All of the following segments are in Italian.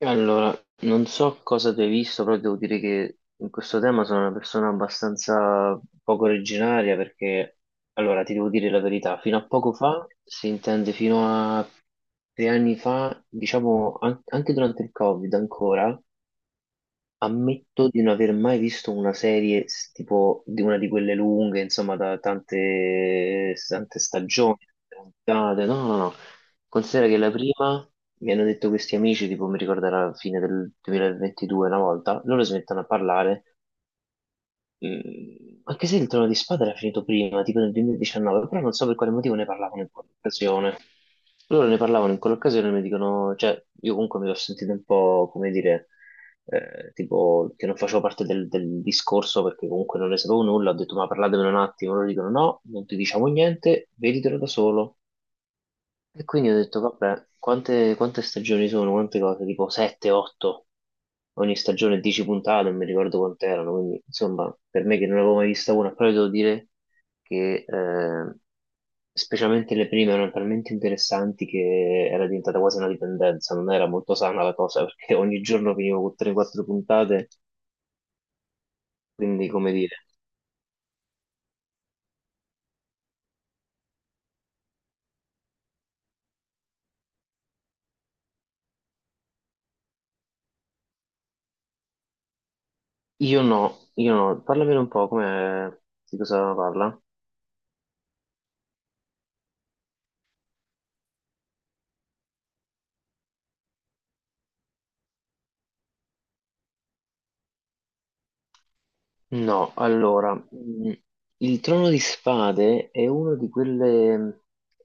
Allora, non so cosa tu hai visto, però devo dire che in questo tema sono una persona abbastanza poco originaria perché, allora, ti devo dire la verità, fino a poco fa, si intende fino a tre anni fa, diciamo anche durante il Covid ancora, ammetto di non aver mai visto una serie tipo di una di quelle lunghe, insomma, da tante, tante stagioni, puntate. No, no, no. Considera che la prima mi hanno detto questi amici, tipo mi ricordo alla fine del 2022 una volta, loro smettono a parlare. Mm, anche se il Trono di Spada era finito prima, tipo nel 2019, però non so per quale motivo ne parlavano in quell'occasione. Loro ne parlavano in quell'occasione e mi dicono, cioè, io comunque mi l'ho sentito un po', come dire, tipo, che non facevo parte del discorso perché comunque non ne sapevo nulla, ho detto, ma parlatemene un attimo, loro dicono, no, non ti diciamo niente, veditelo da solo. E quindi ho detto, vabbè, quante, quante stagioni sono? Quante cose? Tipo 7, 8, ogni stagione 10 puntate, non mi ricordo quante erano, quindi insomma, per me che non avevo mai vista una, però devo dire che specialmente le prime erano talmente interessanti che era diventata quasi una dipendenza, non era molto sana la cosa, perché ogni giorno finivo con 3-4 puntate, quindi come dire, io no, parlamene un po', come, di cosa parla? No, allora, il Trono di Spade è uno di quelle...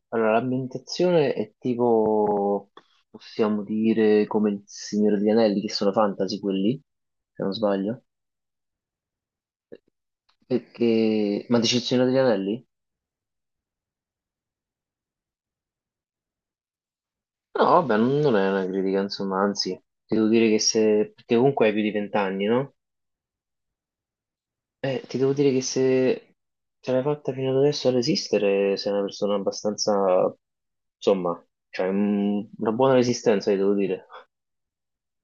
Allora, l'ambientazione è tipo, possiamo dire, come il Signore degli Anelli, che sono fantasy quelli, se non sbaglio. Perché... Ma dici il Signore degli Anelli? No, vabbè, non è una critica, insomma, anzi, devo dire che se... Perché comunque hai più di vent'anni, no? Ti devo dire che se ce l'hai fatta fino ad adesso a resistere, sei una persona abbastanza, insomma, cioè, una buona resistenza, ti devo dire.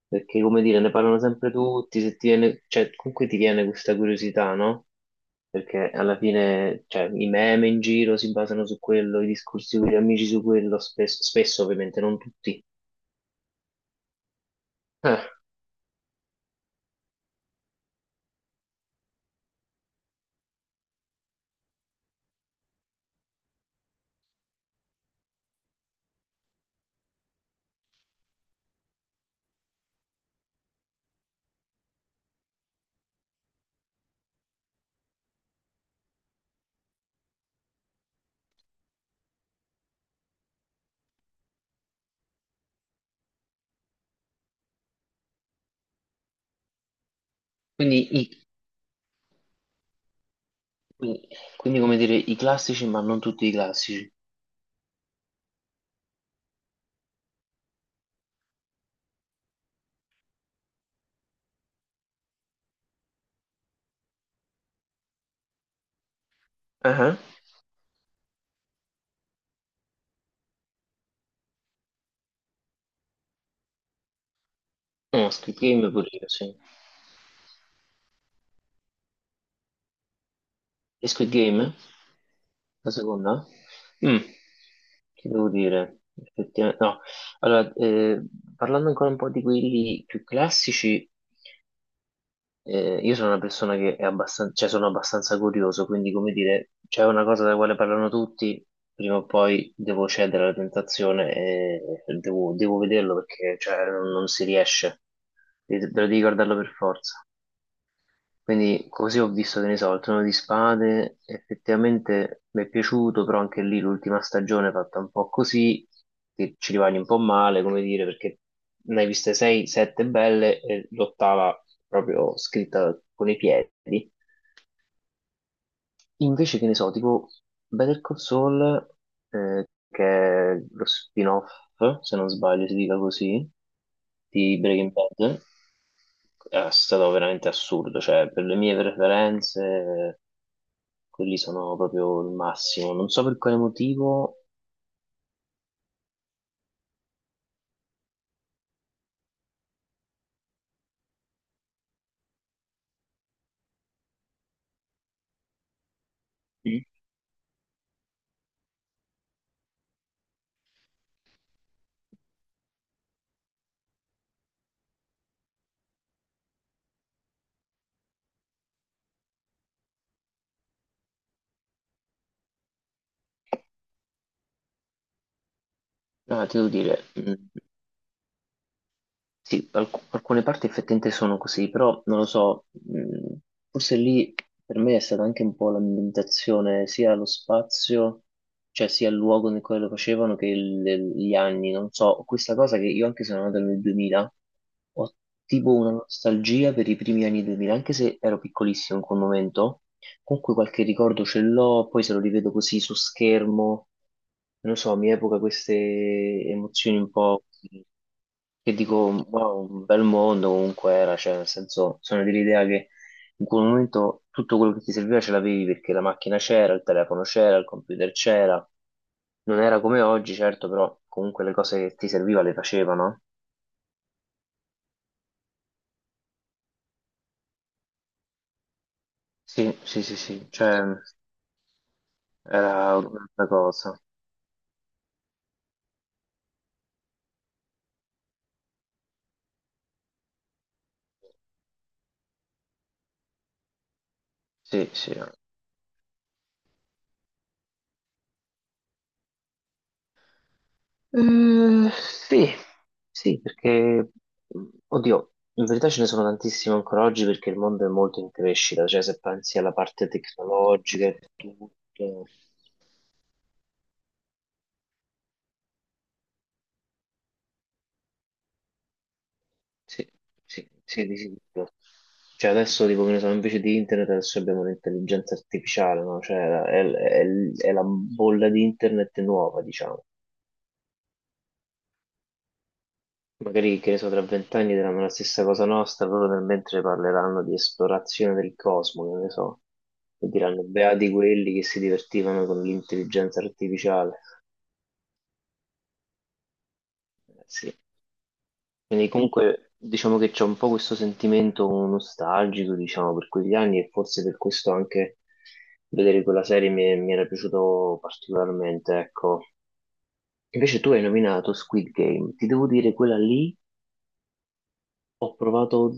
Perché, come dire, ne parlano sempre tutti, se ti viene, cioè, comunque ti viene questa curiosità, no? Perché alla fine, cioè, i meme in giro si basano su quello, i discorsi con gli amici su quello, spesso, spesso ovviamente, non tutti. Eh, quindi, i- quindi, come dire, i classici, ma non tutti i classici. Ah, ah. No, Squid Game pure io, sì. E Squid Game? La seconda? Mm, che devo dire? Effettivamente, no. Allora, parlando ancora un po' di quelli più classici, io sono una persona che è abbastanza, cioè sono abbastanza curioso, quindi come dire, c'è una cosa della quale parlano tutti, prima o poi devo cedere alla tentazione e devo vederlo perché cioè, non si riesce, devo di guardarlo per forza. Quindi così ho visto, che ne so, il Trono di Spade, effettivamente mi è piaciuto, però anche lì l'ultima stagione è fatta un po' così, che ci rimani un po' male, come dire, perché ne hai viste 6, 7 belle e l'ottava proprio scritta con i piedi. Invece che ne so, tipo Better Call Saul, che è lo spin-off, se non sbaglio si dica così, di Breaking Bad, è stato veramente assurdo, cioè per le mie preferenze quelli sono proprio il massimo. Non so per quale motivo. Mm. Ah, ti devo dire, sì, alcune parti effettivamente sono così, però non lo so, forse lì per me è stata anche un po' l'ambientazione, sia lo spazio, cioè sia il luogo nel quale lo facevano che gli anni, non so, questa cosa che io anche se sono nato nel 2000, ho tipo una nostalgia per i primi anni 2000, anche se ero piccolissimo in quel momento. Comunque qualche ricordo ce l'ho, poi se lo rivedo così su schermo, non lo so, mi evoca queste emozioni un po' così, che dico, wow, un bel mondo comunque era, cioè nel senso, sono dell'idea che in quel momento tutto quello che ti serviva ce l'avevi perché la macchina c'era, il telefono c'era, il computer c'era, non era come oggi, certo, però comunque le cose che ti serviva le facevano. Sì, sì, sì, sì, cioè era un'altra cosa. Sì, sì. Sì, sì, perché, mh, oddio, in verità ce ne sono tantissime ancora oggi perché il mondo è molto in crescita, cioè se pensi alla parte tecnologica e tutto, sì, sì, sì, di sicuro. Cioè adesso, tipo, che ne so, invece di internet adesso abbiamo l'intelligenza artificiale, no? È la bolla di internet nuova, diciamo. Magari, che ne so, tra vent'anni diranno la stessa cosa nostra, loro nel mentre parleranno di esplorazione del cosmo, che ne so, e diranno beati quelli che si divertivano con l'intelligenza artificiale. Sì. Quindi comunque diciamo che c'è un po' questo sentimento nostalgico, diciamo, per quegli anni e forse per questo anche vedere quella serie mi era piaciuto particolarmente, ecco. Invece tu hai nominato Squid Game, ti devo dire quella lì ho provato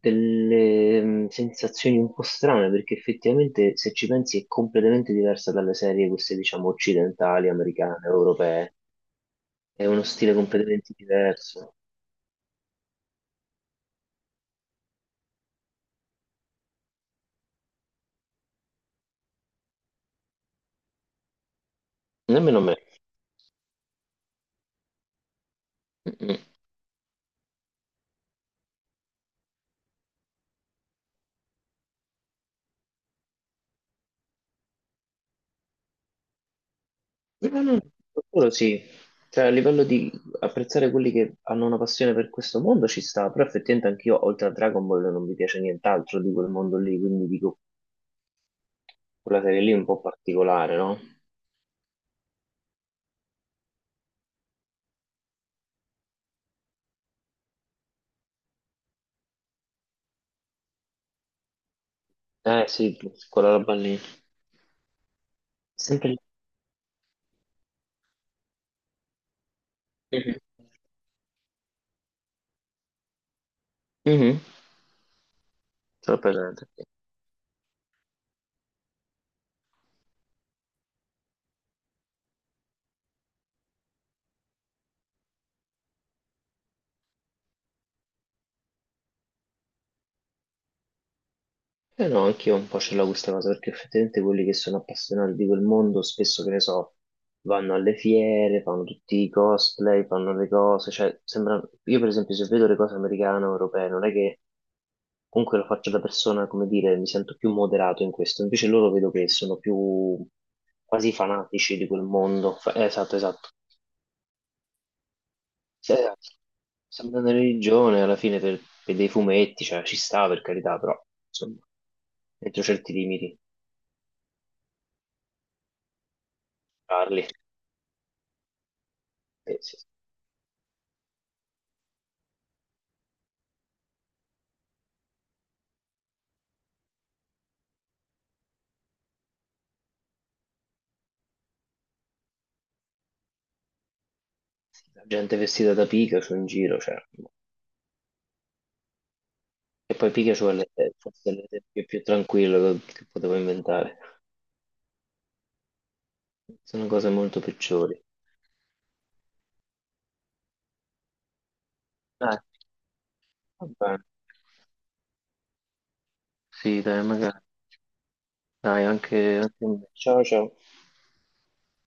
delle sensazioni un po' strane perché effettivamente se ci pensi è completamente diversa dalle serie queste diciamo occidentali, americane, europee. È uno stile completamente diverso. Nemmeno me. Mm-mm. No, no, quello sì. Cioè, a livello di apprezzare quelli che hanno una passione per questo mondo ci sta, però effettivamente anch'io, oltre a Dragon Ball, non mi piace nient'altro di quel mondo lì, quindi dico, quella serie lì è un po' particolare, no? Eh sì, quella roba lì. Sempre... lì. Mhm. Mhm. Ce l'ho presente. Eh no, anch'io un po' ce l'ho questa cosa, perché effettivamente quelli che sono appassionati di quel mondo spesso, che ne so, vanno alle fiere, fanno tutti i cosplay, fanno le cose, cioè, sembra... Io per esempio se vedo le cose americane o europee, non è che comunque lo faccio da persona, come dire, mi sento più moderato in questo, invece loro vedo che sono più quasi fanatici di quel mondo. Esatto, esatto. Cioè, sembra una religione alla fine per dei fumetti, cioè ci sta per carità, però insomma, dentro certi limiti parli. Sì, sì, la gente vestita da Pikachu in giro, cioè. E poi Pikachu forse è l'esempio più tranquillo che potevo inventare. Sono cose molto peggiori. Dai, va bene. Sì, dai, magari. Dai, anche a me. Ciao, ciao.